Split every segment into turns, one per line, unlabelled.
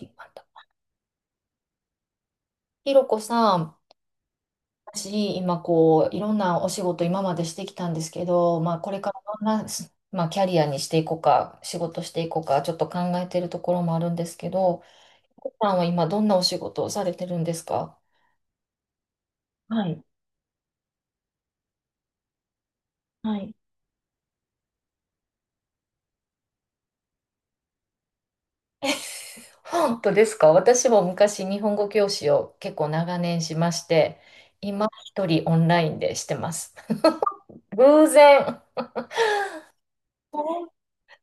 引っ張った。ひろこさん、私、今こう、いろんなお仕事今までしてきたんですけど、まあ、これからどんな、まあ、キャリアにしていこうか、仕事していこうか、ちょっと考えてるところもあるんですけど、ひろこさんは今どんなお仕事をされてるんですか？はい。はい。本当ですか？私も昔日本語教師を結構長年しまして、今一人オンラインでしてます。偶然。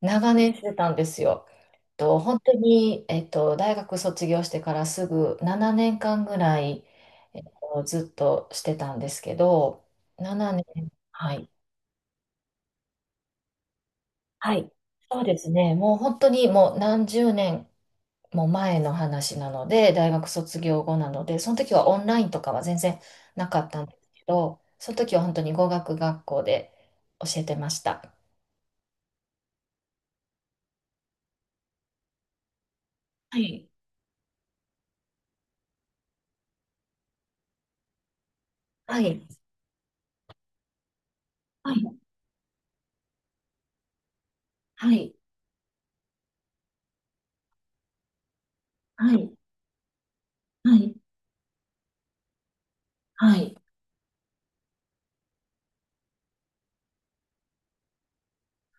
長年してたんですよ。本当に、大学卒業してからすぐ7年間ぐらい、えっずっとしてたんですけど、7年、はい、はい、そうですね、もう本当にもう何十年も前の話なので、大学卒業後なので、その時はオンラインとかは全然なかったんですけど、その時は本当に語学学校で教えてました。はい、はい、はい、はい、はい、はい。はいはい。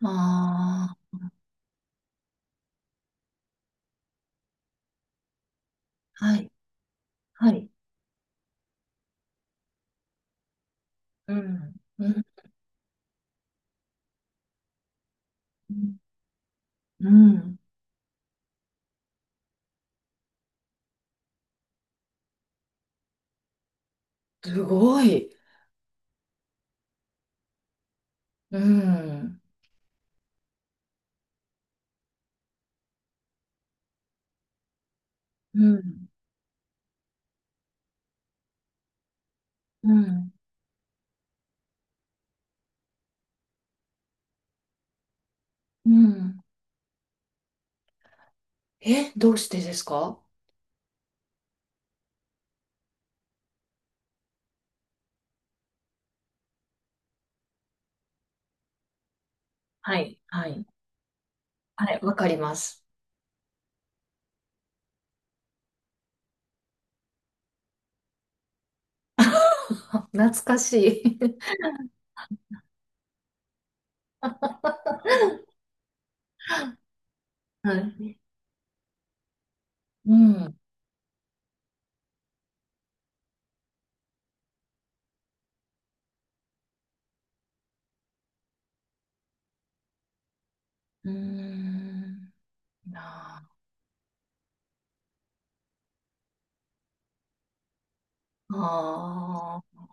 ああ、はい、はい。うん、うん、うん、すごい。うん、うん、うん、うん。え、どうしてですか？はい、はい。はい、わかります。懐かしい。はい。うん、うーん、なあ、あ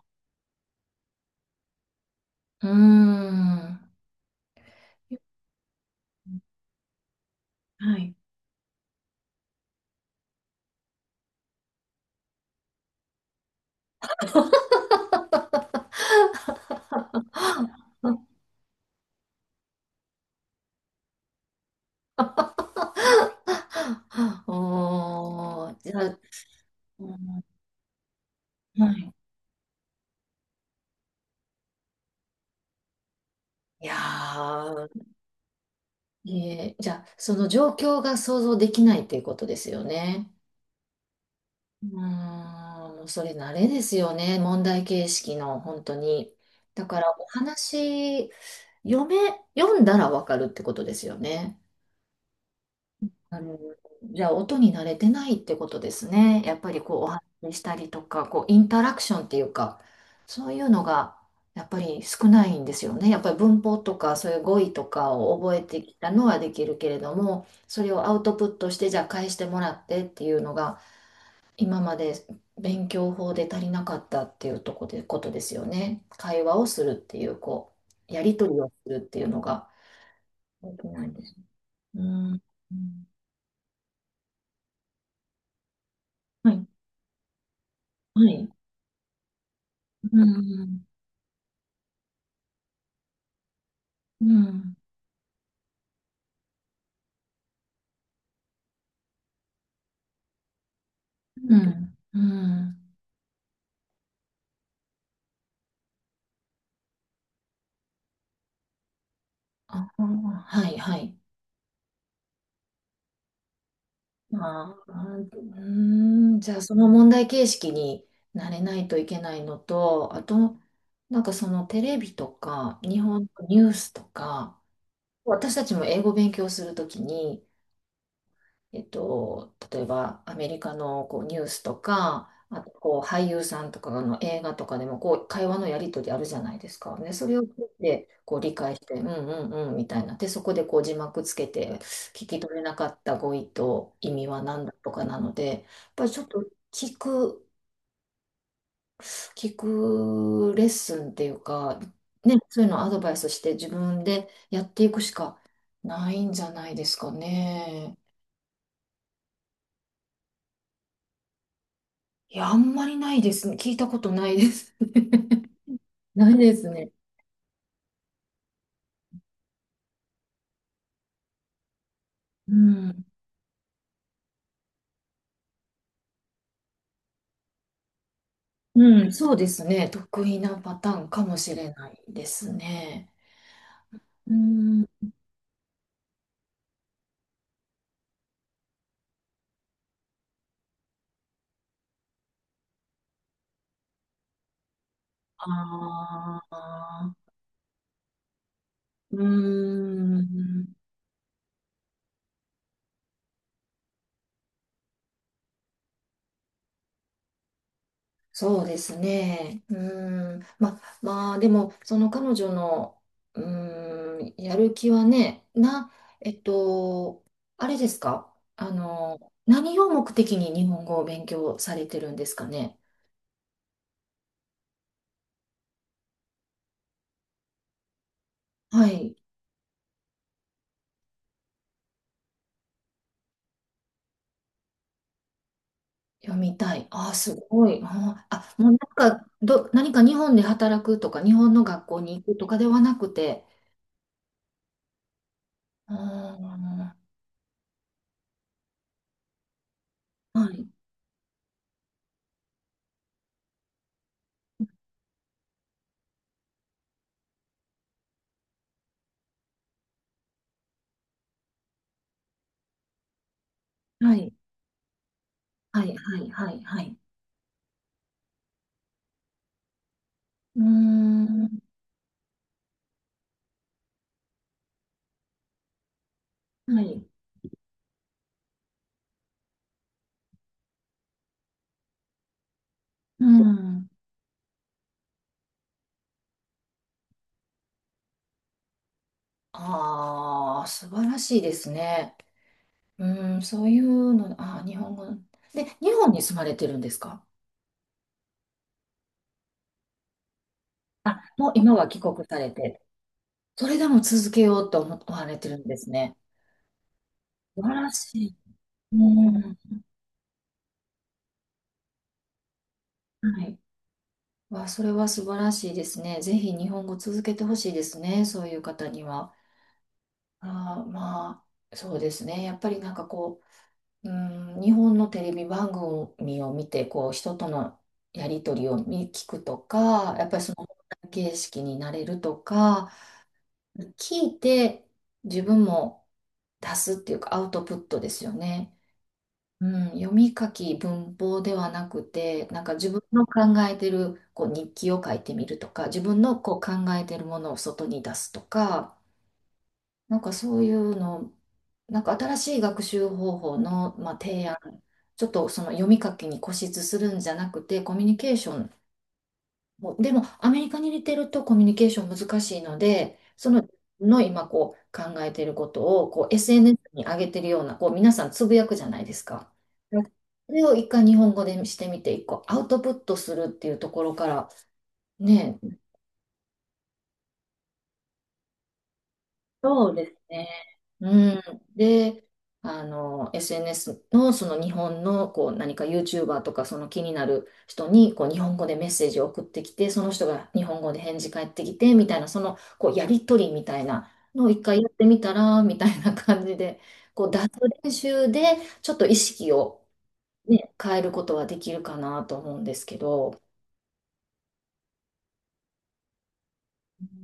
ーうーん、はい。あおー、じゃあ、うんはい。いやーじゃあ、その状況が想像できないっていうことですよね。うーん、もうそれ慣れですよね。問題形式の、本当に。だから、お話、読め、読んだらわかるってことですよね。あの、じゃあ音に慣れてないってことですね。やっぱりこうお話ししたりとか、こうインタラクションっていうか、そういうのがやっぱり少ないんですよね。やっぱり文法とかそういう語彙とかを覚えてきたのはできるけれども、それをアウトプットしてじゃあ返してもらってっていうのが今まで勉強法で足りなかったっていうとこで、ことですよね。会話をするっていう、こう、やり取りをするっていうのができないです。うん。うんはい。はい。うん、うん、うん、うん。ああ、はい、はい。ああ、うーん、じゃあその問題形式になれないといけないのと、あと、なんかそのテレビとか、日本のニュースとか、私たちも英語勉強するときに、例えばアメリカのこうニュースとか、あとこう俳優さんとかの映画とかでもこう会話のやり取りあるじゃないですか。ねそれを聞いてこう理解して、うんうんうんみたいな。で、そこでこう字幕つけて聞き取れなかった語彙と意味は何だとかなので、やっぱりちょっと聞く、聞くレッスンっていうか、ね、そういうのをアドバイスして自分でやっていくしかないんじゃないですかね。いや、あんまりないですね。聞いたことないですね。ないですね。うん。うん、そうですね。得意なパターンかもしれないですね。うん。ああ、うん。そうですね。うん。まあ、でも、その彼女の、うん、やる気はね、な、えっと、あれですか？あの、何を目的に日本語を勉強されてるんですかね？はい。読みたい。ああ、すごい。もうなんか、何か日本で働くとか、日本の学校に行くとかではなくて。ああ、はい、はい、はい、はい、はい、はい。うーん、はい、うん。ああ、素晴らしいですね。うん、そういうの、ああ、日本語。で、日本に住まれてるんですか？あ、もう今は帰国されて、それでも続けようと思われてるんですね。素晴らしい。うん、はい。わ、それは素晴らしいですね。ぜひ日本語続けてほしいですね。そういう方には。あー、まあ、そうですね。やっぱりなんかこう、うん、日本のテレビ番組を見て、こう、人とのやりとりを見聞くとか、やっぱりその形式になれるとか、聞いて自分も出すっていうかアウトプットですよね。うん、読み書き文法ではなくて、なんか自分の考えてるこう日記を書いてみるとか、自分のこう考えてるものを外に出すとか、なんかそういうの、なんか新しい学習方法の、まあ、提案、ちょっとその読み書きに固執するんじゃなくて、コミュニケーションもうでも、アメリカに似てるとコミュニケーション難しいので、その、の今こう考えていることをこう SNS に上げてるような、こう皆さんつぶやくじゃないですか。はいそれを一回日本語でしてみて、一個アウトプットするっていうところからね、そうですね。うん。で、あの、SNS のその日本のこう何か YouTuber とかその気になる人にこう日本語でメッセージを送ってきて、その人が日本語で返事返ってきてみたいな、そのこうやりとりみたいなのを一回やってみたらみたいな感じで、こう脱練習でちょっと意識を、ね、変えることはできるかなと思うんですけど、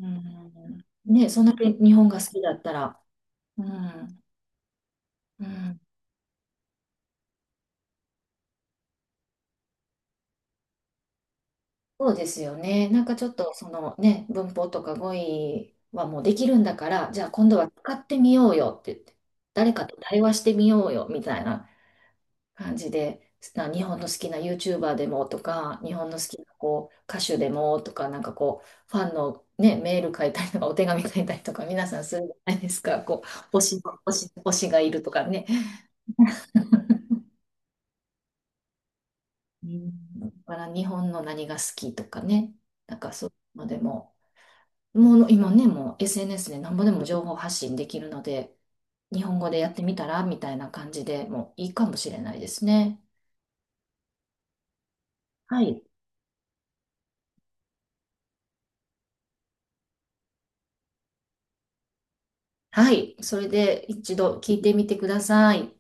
うん、ね、そんだけ日本が好きだったら、うん、うんそうですよね。なんかちょっとそのね、文法とか語彙はもうできるんだから、じゃあ今度は使ってみようよって言って、誰かと対話してみようよみたいな感じで、日本の好きな YouTuber でもとか、日本の好きなこう歌手でもとか、なんかこう、ファンの、ね、メール書いたりとか、お手紙書いたりとか、皆さんするじゃないですか、こう、推しの、推し、推しがいるとかね。うんだから日本の何が好きとかね、なんかそういうのでも。もう今ね、もう SNS でなんぼでも情報発信できるので、日本語でやってみたらみたいな感じでもういいかもしれないですね。はい。はい。それで一度聞いてみてください。